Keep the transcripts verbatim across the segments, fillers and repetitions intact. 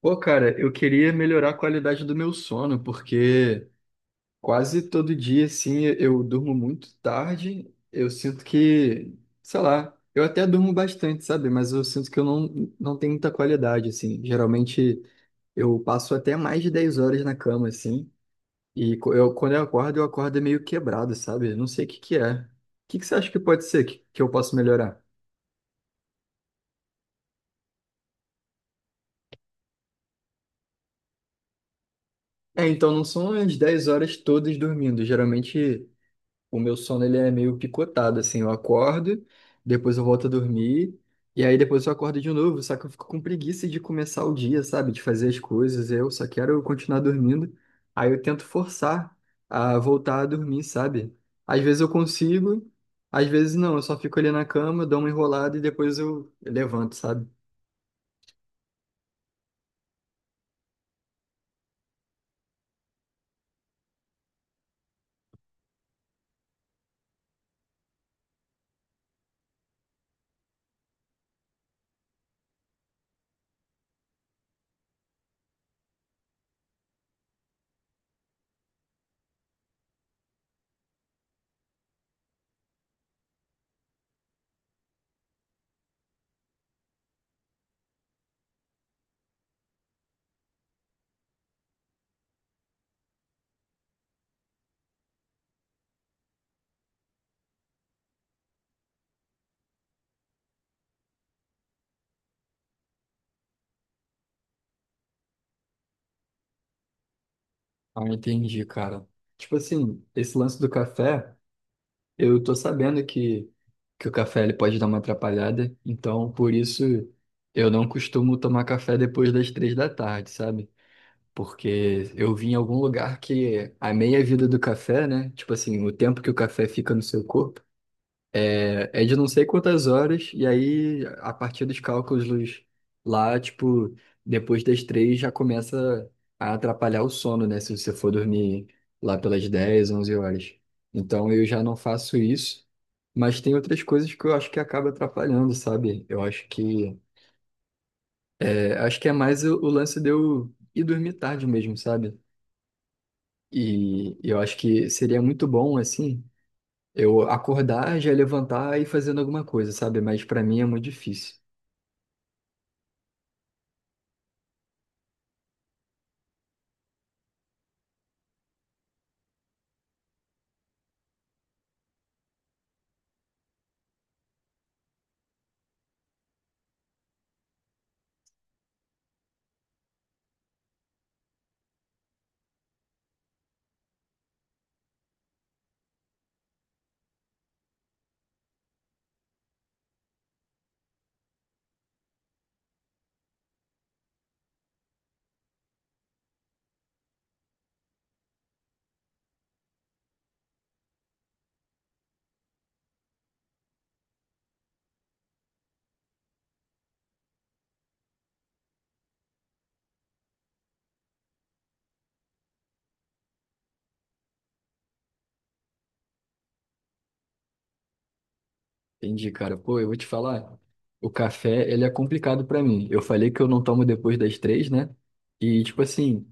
Pô, cara, eu queria melhorar a qualidade do meu sono, porque quase todo dia, assim, eu durmo muito tarde. Eu sinto que, sei lá, eu até durmo bastante, sabe? Mas eu sinto que eu não, não tenho muita qualidade, assim. Geralmente eu passo até mais de dez horas na cama, assim. E co- eu, quando eu acordo, eu acordo meio quebrado, sabe? Eu não sei o que que é. O que que você acha que pode ser que, que eu posso melhorar? É, então não são as dez horas todas dormindo. Geralmente, o meu sono ele é meio picotado, assim, eu acordo, depois eu volto a dormir, e aí depois eu acordo de novo, só que eu fico com preguiça de começar o dia, sabe? De fazer as coisas, eu só quero continuar dormindo. Aí eu tento forçar a voltar a dormir, sabe? Às vezes eu consigo, às vezes não, eu só fico ali na cama, dou uma enrolada e depois eu levanto, sabe? Ah, entendi, cara. Tipo assim, esse lance do café. Eu tô sabendo que, que o café ele pode dar uma atrapalhada, então por isso eu não costumo tomar café depois das três da tarde, sabe? Porque eu vi em algum lugar que a meia-vida do café, né? Tipo assim, o tempo que o café fica no seu corpo, é, é de não sei quantas horas, e aí, a partir dos cálculos lá, tipo, depois das três já começa a atrapalhar o sono, né? Se você for dormir lá pelas dez onze horas. Então, eu já não faço isso, mas tem outras coisas que eu acho que acaba atrapalhando, sabe? Eu acho que é, acho que é mais o, o lance de eu ir dormir tarde mesmo, sabe? E eu acho que seria muito bom, assim. Eu acordar, já levantar e ir fazendo alguma coisa, sabe? Mas pra mim é muito difícil. Entendi, cara. Pô, eu vou te falar, o café, ele é complicado pra mim. Eu falei que eu não tomo depois das três, né? E, tipo assim,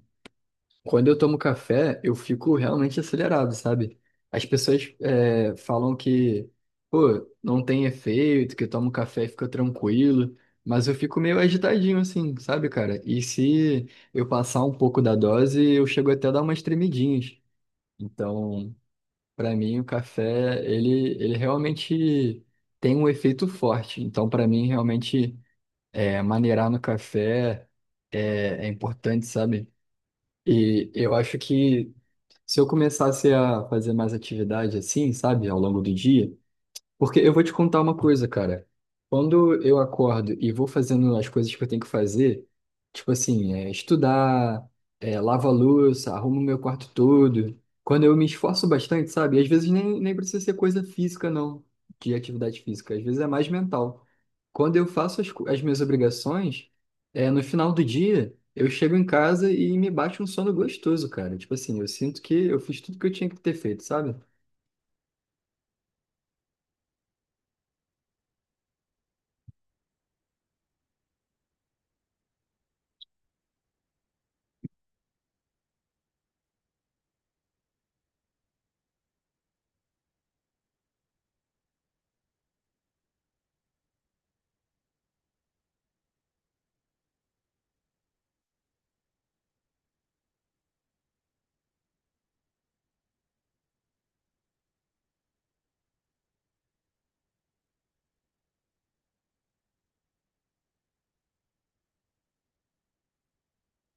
quando eu tomo café, eu fico realmente acelerado, sabe? As pessoas é, falam que, pô, não tem efeito, que eu tomo café e fica tranquilo. Mas eu fico meio agitadinho, assim, sabe, cara? E se eu passar um pouco da dose, eu chego até a dar umas tremidinhas. Então, para mim, o café, ele, ele realmente tem um efeito forte. Então, para mim, realmente, é, maneirar no café é, é importante, sabe? E eu acho que se eu começasse a fazer mais atividade assim, sabe, ao longo do dia, porque eu vou te contar uma coisa, cara. Quando eu acordo e vou fazendo as coisas que eu tenho que fazer, tipo assim, é, estudar, é, lavo a louça, arrumo meu quarto todo. Quando eu me esforço bastante, sabe? Às vezes nem, nem precisa ser coisa física, não, de atividade física. Às vezes é mais mental. Quando eu faço as, co- as minhas obrigações, é, no final do dia, eu chego em casa e me bate um sono gostoso, cara. Tipo assim, eu sinto que eu fiz tudo que eu tinha que ter feito, sabe?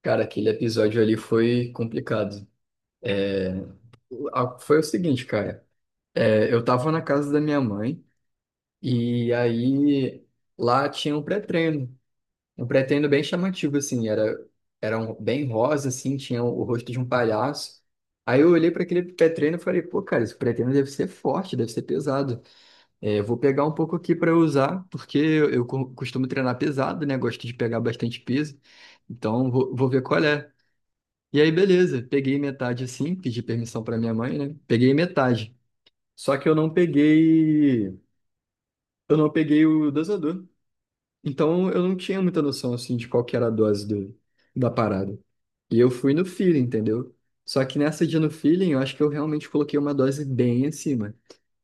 Cara, aquele episódio ali foi complicado. Ah, foi o seguinte, cara. É, eu tava na casa da minha mãe e aí lá tinha um pré-treino. Um pré-treino bem chamativo, assim. Era, era um, bem rosa, assim. Tinha o rosto de um palhaço. Aí eu olhei para aquele pré-treino e falei, pô, cara, esse pré-treino deve ser forte, deve ser pesado. É, eu vou pegar um pouco aqui para usar, porque eu, eu co- costumo treinar pesado, né? Gosto de pegar bastante peso. Então vou, vou ver qual é. E aí, beleza. Peguei metade assim, pedi permissão para minha mãe, né? Peguei metade. Só que eu não peguei, eu não peguei o dosador. Então eu não tinha muita noção assim de qual que era a dose do, da parada. E eu fui no feeling, entendeu? Só que nessa dia no feeling, eu acho que eu realmente coloquei uma dose bem acima.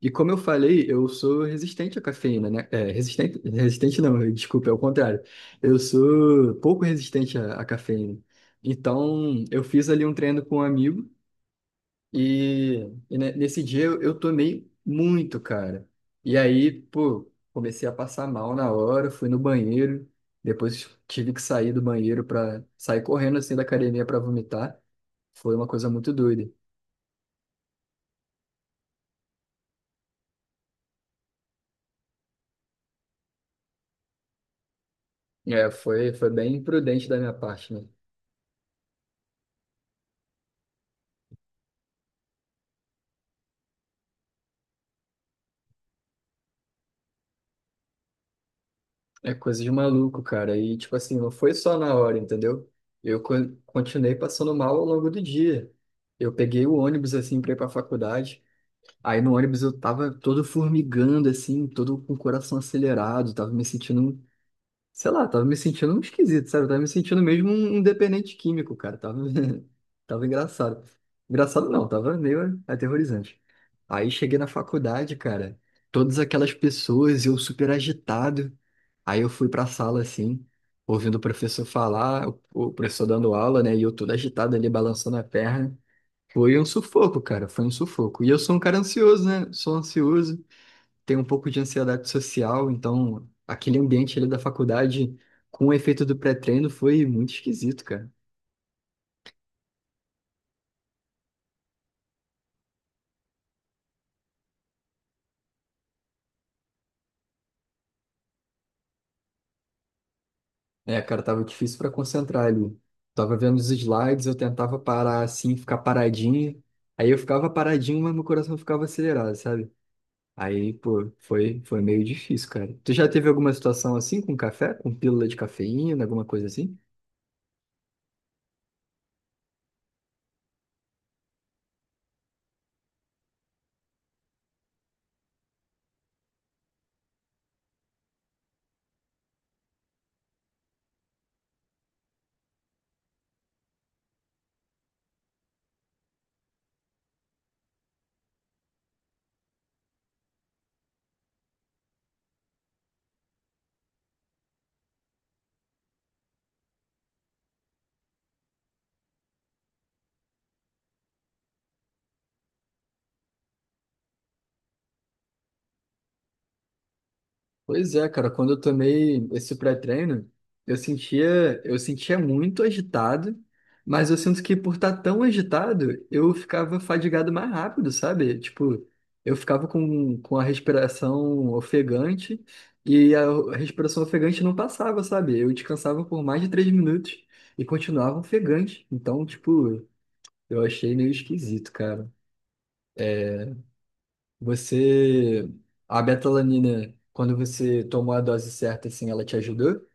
E como eu falei, eu sou resistente à cafeína, né? É, resistente, resistente não, eu- desculpa, é o contrário. Eu sou pouco resistente à, à cafeína. Então, eu fiz ali um treino com um amigo e, e ne- nesse dia eu, eu tomei muito, cara. E aí, pô, comecei a passar mal na hora, fui no banheiro, depois tive que sair do banheiro para sair correndo assim da academia para vomitar. Foi uma coisa muito doida. É, foi, foi bem imprudente da minha parte, né? É coisa de maluco, cara. E tipo assim, não foi só na hora, entendeu? Eu co- continuei passando mal ao longo do dia. Eu peguei o ônibus assim para ir para faculdade. Aí no ônibus eu tava todo formigando, assim, todo com o coração acelerado, tava me sentindo, um- sei lá, tava me sentindo um esquisito, sabe? Eu tava me sentindo mesmo um um dependente químico, cara. Tava, tava engraçado. Engraçado não, tava meio aterrorizante. Aí cheguei na faculdade, cara, todas aquelas pessoas, eu super agitado. Aí eu fui pra sala, assim, ouvindo o professor falar, o o professor dando aula, né? E eu todo agitado ali, balançando a perna. Foi um sufoco, cara, foi um sufoco. E eu sou um cara ansioso, né? Sou ansioso, tenho um pouco de ansiedade social, então aquele ambiente ali da faculdade com o efeito do pré-treino foi muito esquisito, cara. É, cara, tava difícil pra concentrar ali. Tava vendo os slides, eu tentava parar assim, ficar paradinho. Aí eu ficava paradinho, mas meu coração ficava acelerado, sabe? Aí, pô, foi, foi meio difícil, cara. Tu já teve alguma situação assim com café, com pílula de cafeína, alguma coisa assim? Pois é, cara, quando eu tomei esse pré-treino, eu sentia, eu sentia muito agitado, mas eu sinto que por estar tão agitado, eu ficava fadigado mais rápido, sabe? Tipo, eu ficava com, com a respiração ofegante e a respiração ofegante não passava, sabe? Eu descansava por mais de três minutos e continuava ofegante. Então, tipo, eu achei meio esquisito, cara. Você, a betalanina, quando você tomou a dose certa, assim, ela te ajudou?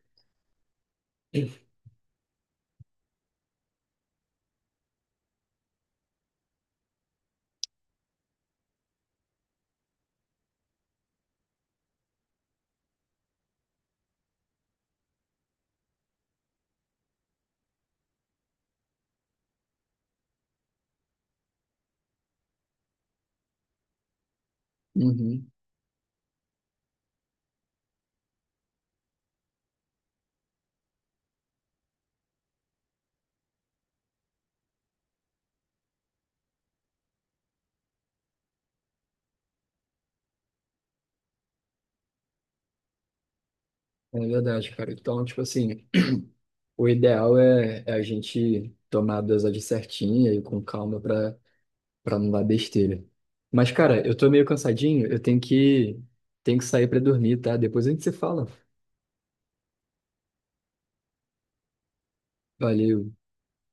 Uhum, é verdade, cara. Então, tipo assim, o ideal é, é a gente tomar a dosagem certinha e com calma pra, pra não dar besteira. Mas, cara, eu tô meio cansadinho, eu tenho que, tenho que sair pra dormir, tá? Depois a gente se fala. Valeu.